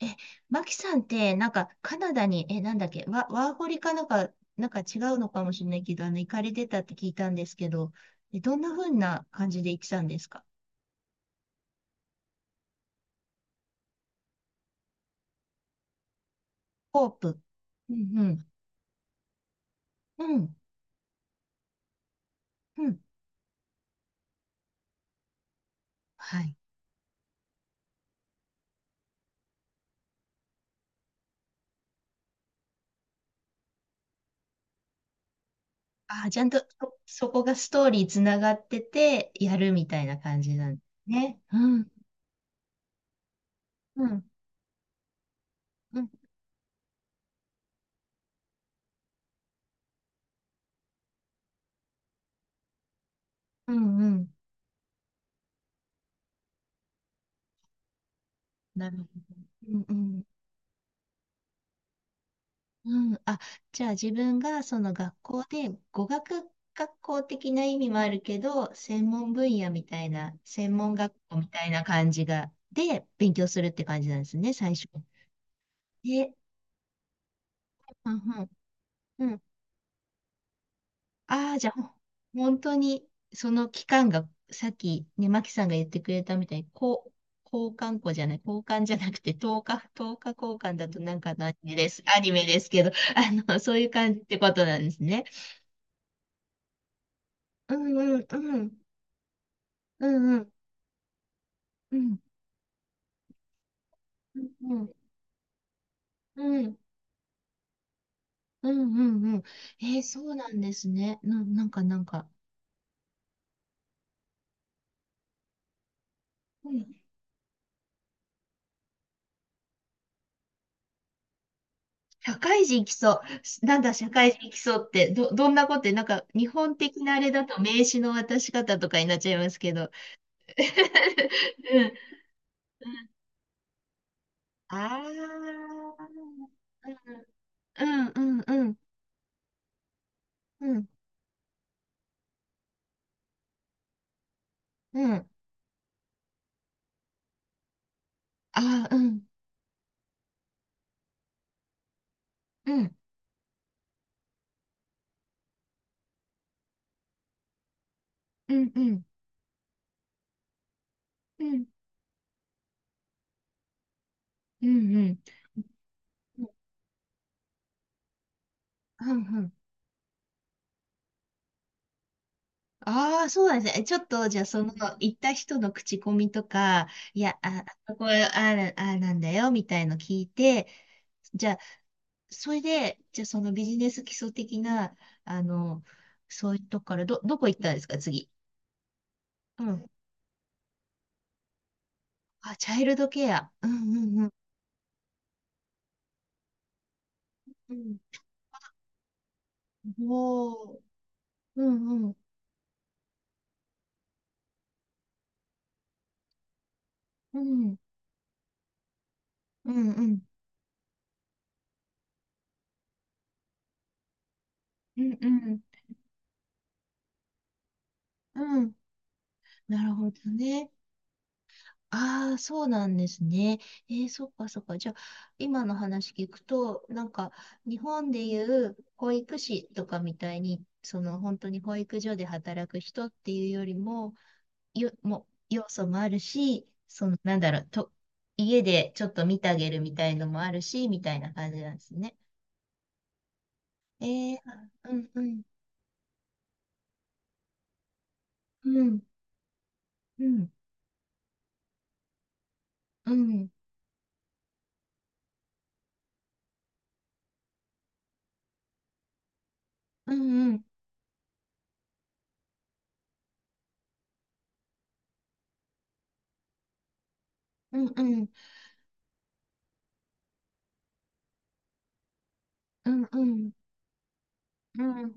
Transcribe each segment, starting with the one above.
え、マキさんって、カナダに、え、なんだっけ、ワ、ワーホリかなんか、なんか違うのかもしれないけど、行かれてたって聞いたんですけど、どんな風な感じで行ってたんですか？ホープ。うん、うん、うん、うん。はい。あー、ちゃんとそこがストーリーつながってて、やるみたいな感じなんですね。うん、うん、うん、うん、うん。なるほど。うん、うんうん、あ、じゃあ自分がその学校で語学学校的な意味もあるけど、専門分野みたいな、専門学校みたいな感じが、で、勉強するって感じなんですね、最初。で、うんうん、うん。ああ、じゃあ、本当に、その期間が、さっきね、マキさんが言ってくれたみたいに、こう、交換校じゃない、交換じゃなくて、10日、1日交換だとなんかのアニメです、アニメですけど、あの、そういう感じってことなんですね。うんうんうん。うんうん。うん。うんうん。うんうんうん。えー、そうなんですね。なんかなんか。うん、社会人来そう。なんだ、社会人来そうって、どんなことって、なんか、日本的なあれだと名刺の渡し方とかになっちゃいますけど。うん。ああ。うんうんうんうん。うん。ああ、うん。うん。うんうん。うんうんうん。うんうんうん。ああ、そうなんですね。ちょっと、じゃあ、その、行った人の口コミとか、いや、あ、あそこ、あある、ああなんだよ、みたいの聞いて、じゃあ、それで、じゃあ、そのビジネス基礎的な、あの、そういうとこから、どこ行ったんですか、次。うん。あ、チャイルドケア。うんうんうん。うん。おー。うんうん。うん。うんうん。うんうん。うん。なるほどね。ああ、そうなんですね。え、そうかそうか。じゃ今の話聞くとなんか日本でいう保育士とかみたいにその本当に保育所で働く人っていうよりも、よも要素もあるし、そのなんだろうと、家でちょっと見当てるみたいのもあるしみたいな感じなんですね。え、うんうんうんうんうんうんうんうんうんうんうん。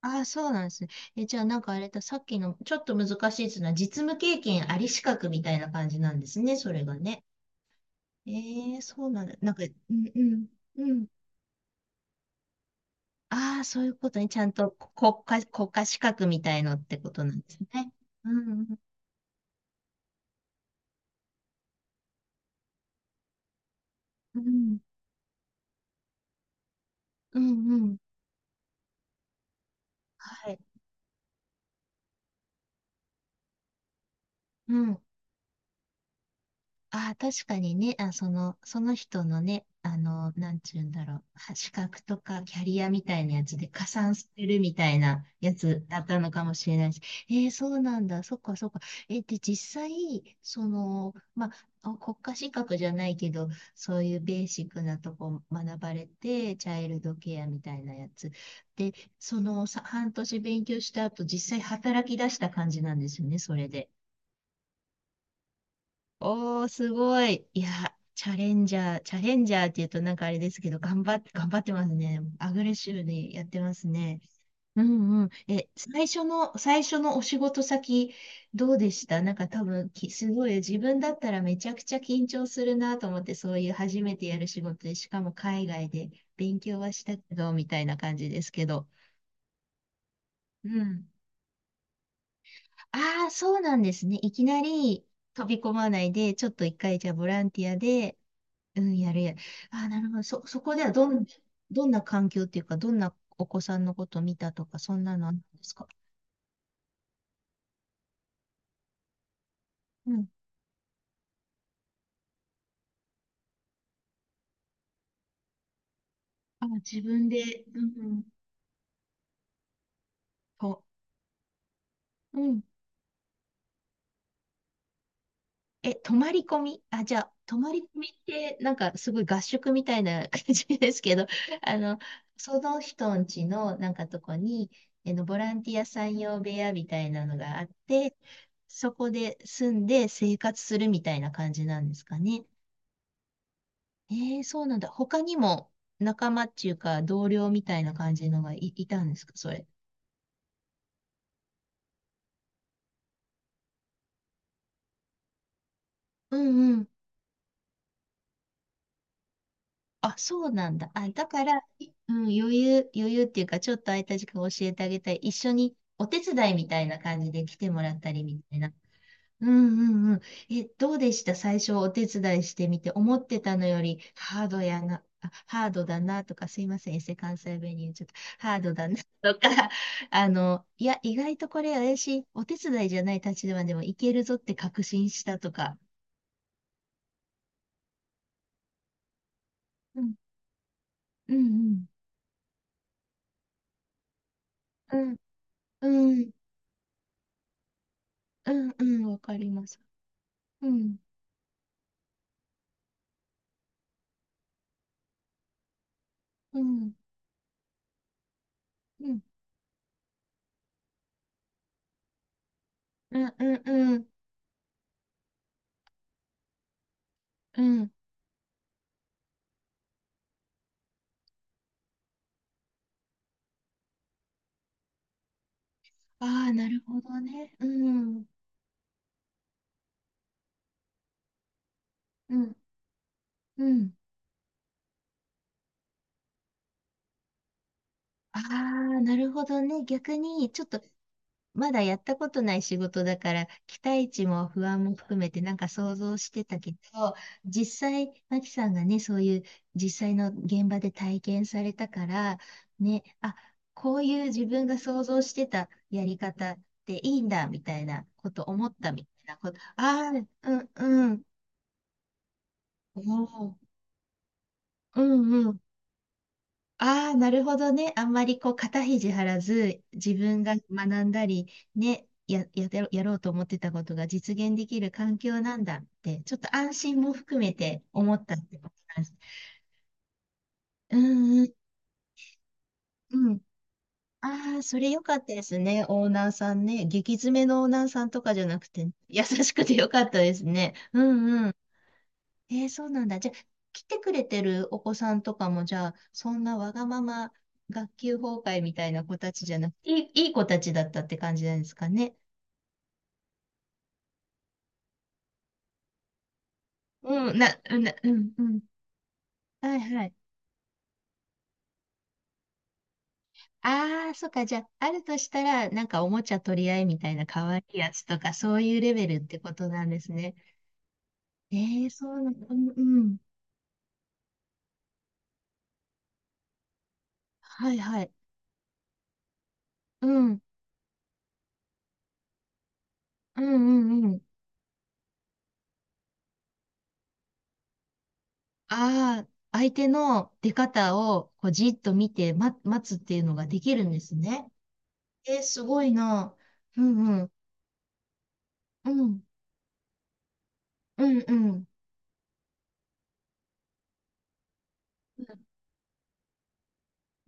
ああ、そうなんですね。え、じゃあなんかあれだ、さっきのちょっと難しいっていうのは実務経験あり資格みたいな感じなんですね、それがね。ええ、そうなんだ。なんか、うんうん、うん。ああ、そういうことね。ちゃんと国家、国家資格みたいのってことなんですね。うんうん、うん、うん、うん。はい。うん。ああ、確かにね、あ、その、その人のね、あの、なんちゅうんだろう、は資格とかキャリアみたいなやつで加算するみたいなやつだったのかもしれないし、えー、そうなんだ、そっかそっか。えーで、実際、その、まあ、あ、国家資格じゃないけど、そういうベーシックなとこ学ばれて、チャイルドケアみたいなやつ。で、そのさ、半年勉強した後、実際働き出した感じなんですよね、それで。おー、すごい。いや、チャレンジャーって言うとなんかあれですけど、頑張ってますね。アグレッシブにやってますね。うんうん。え、最初のお仕事先、どうでした？なんか多分すごい、自分だったらめちゃくちゃ緊張するなと思って、そういう初めてやる仕事で、しかも海外で勉強はしたけど、みたいな感じですけど。うん。ああ、そうなんですね。いきなり飛び込まないで、ちょっと一回じゃあボランティアで、うん、やるやる。あー、なるほど。そこではどん、どんな環境っていうか、どんなお子さんのことを見たとか、そんなのあるんですか？うん。あ、自分で、うん、と、うん。え、泊まり込み、あ、じゃあ、泊まり込みって、なんかすごい合宿みたいな感じですけど、あの、その人んちのなんかとこに、あの、ボランティアさん用部屋みたいなのがあって、そこで住んで生活するみたいな感じなんですかね。ええ、そうなんだ。他にも仲間っていうか同僚みたいな感じのがいたんですか、それ。うんうん。あ、そうなんだ。あ、だから、うん、余裕っていうか、ちょっと空いた時間教えてあげたい。一緒にお手伝いみたいな感じで来てもらったりみたいな。うんうんうん。え、どうでした最初お手伝いしてみて、思ってたのよりハードやな、あ、ハードだなとか、すいません、エセ関西弁に言っちゃった。ハードだなとか、あの、いや、意外とこれ怪しい、お手伝いじゃない立場でもいけるぞって確信したとか。うん、うん、うん、うん、うん、うんうん、わかります。うん、うん、うん、うん、うん、うん、うん。ああー、なるほどね。うん、うん、うん。ああ、なるほどね。逆に、ちょっと、まだやったことない仕事だから、期待値も不安も含めてなんか想像してたけど、実際、マキさんがね、そういう実際の現場で体験されたから、ね、あ、こういう自分が想像してたやり方っていいんだ、みたいなこと思ったみたいなこと。ああ、うん、うん。おーうん、うん。ああ、なるほどね。あんまりこう肩肘張らず、自分が学んだり、ね、やろうと思ってたことが実現できる環境なんだって、ちょっと安心も含めて思ったってことなんです。うんうん、うん。ああ、それ良かったですね。オーナーさんね。激詰めのオーナーさんとかじゃなくて、優しくて良かったですね。うんうん。えー、そうなんだ。じゃあ、来てくれてるお子さんとかも、じゃあ、そんなわがまま学級崩壊みたいな子たちじゃなくて、いい子たちだったって感じなんですかね。うん、うん、うん。はいはい。ああ、そっか。じゃあ、あるとしたら、なんかおもちゃ取り合いみたいな可愛いやつとか、そういうレベルってことなんですね。えー、そうなんだ。うん、うん。はいはい。うん、うん、うん、ああ、相手の出方をこうじっと見て、待つっていうのができるんですね。えー、すごいな。うんうん。うん。うんうん。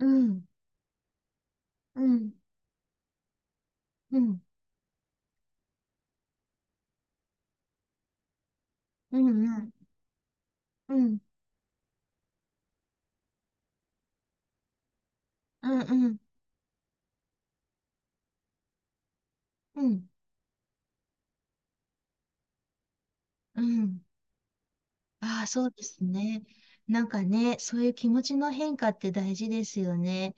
うん。うん。うん。うん。うん。うん。うんうん。うん。うん。ああ、そうですね。なんかね、そういう気持ちの変化って大事ですよね。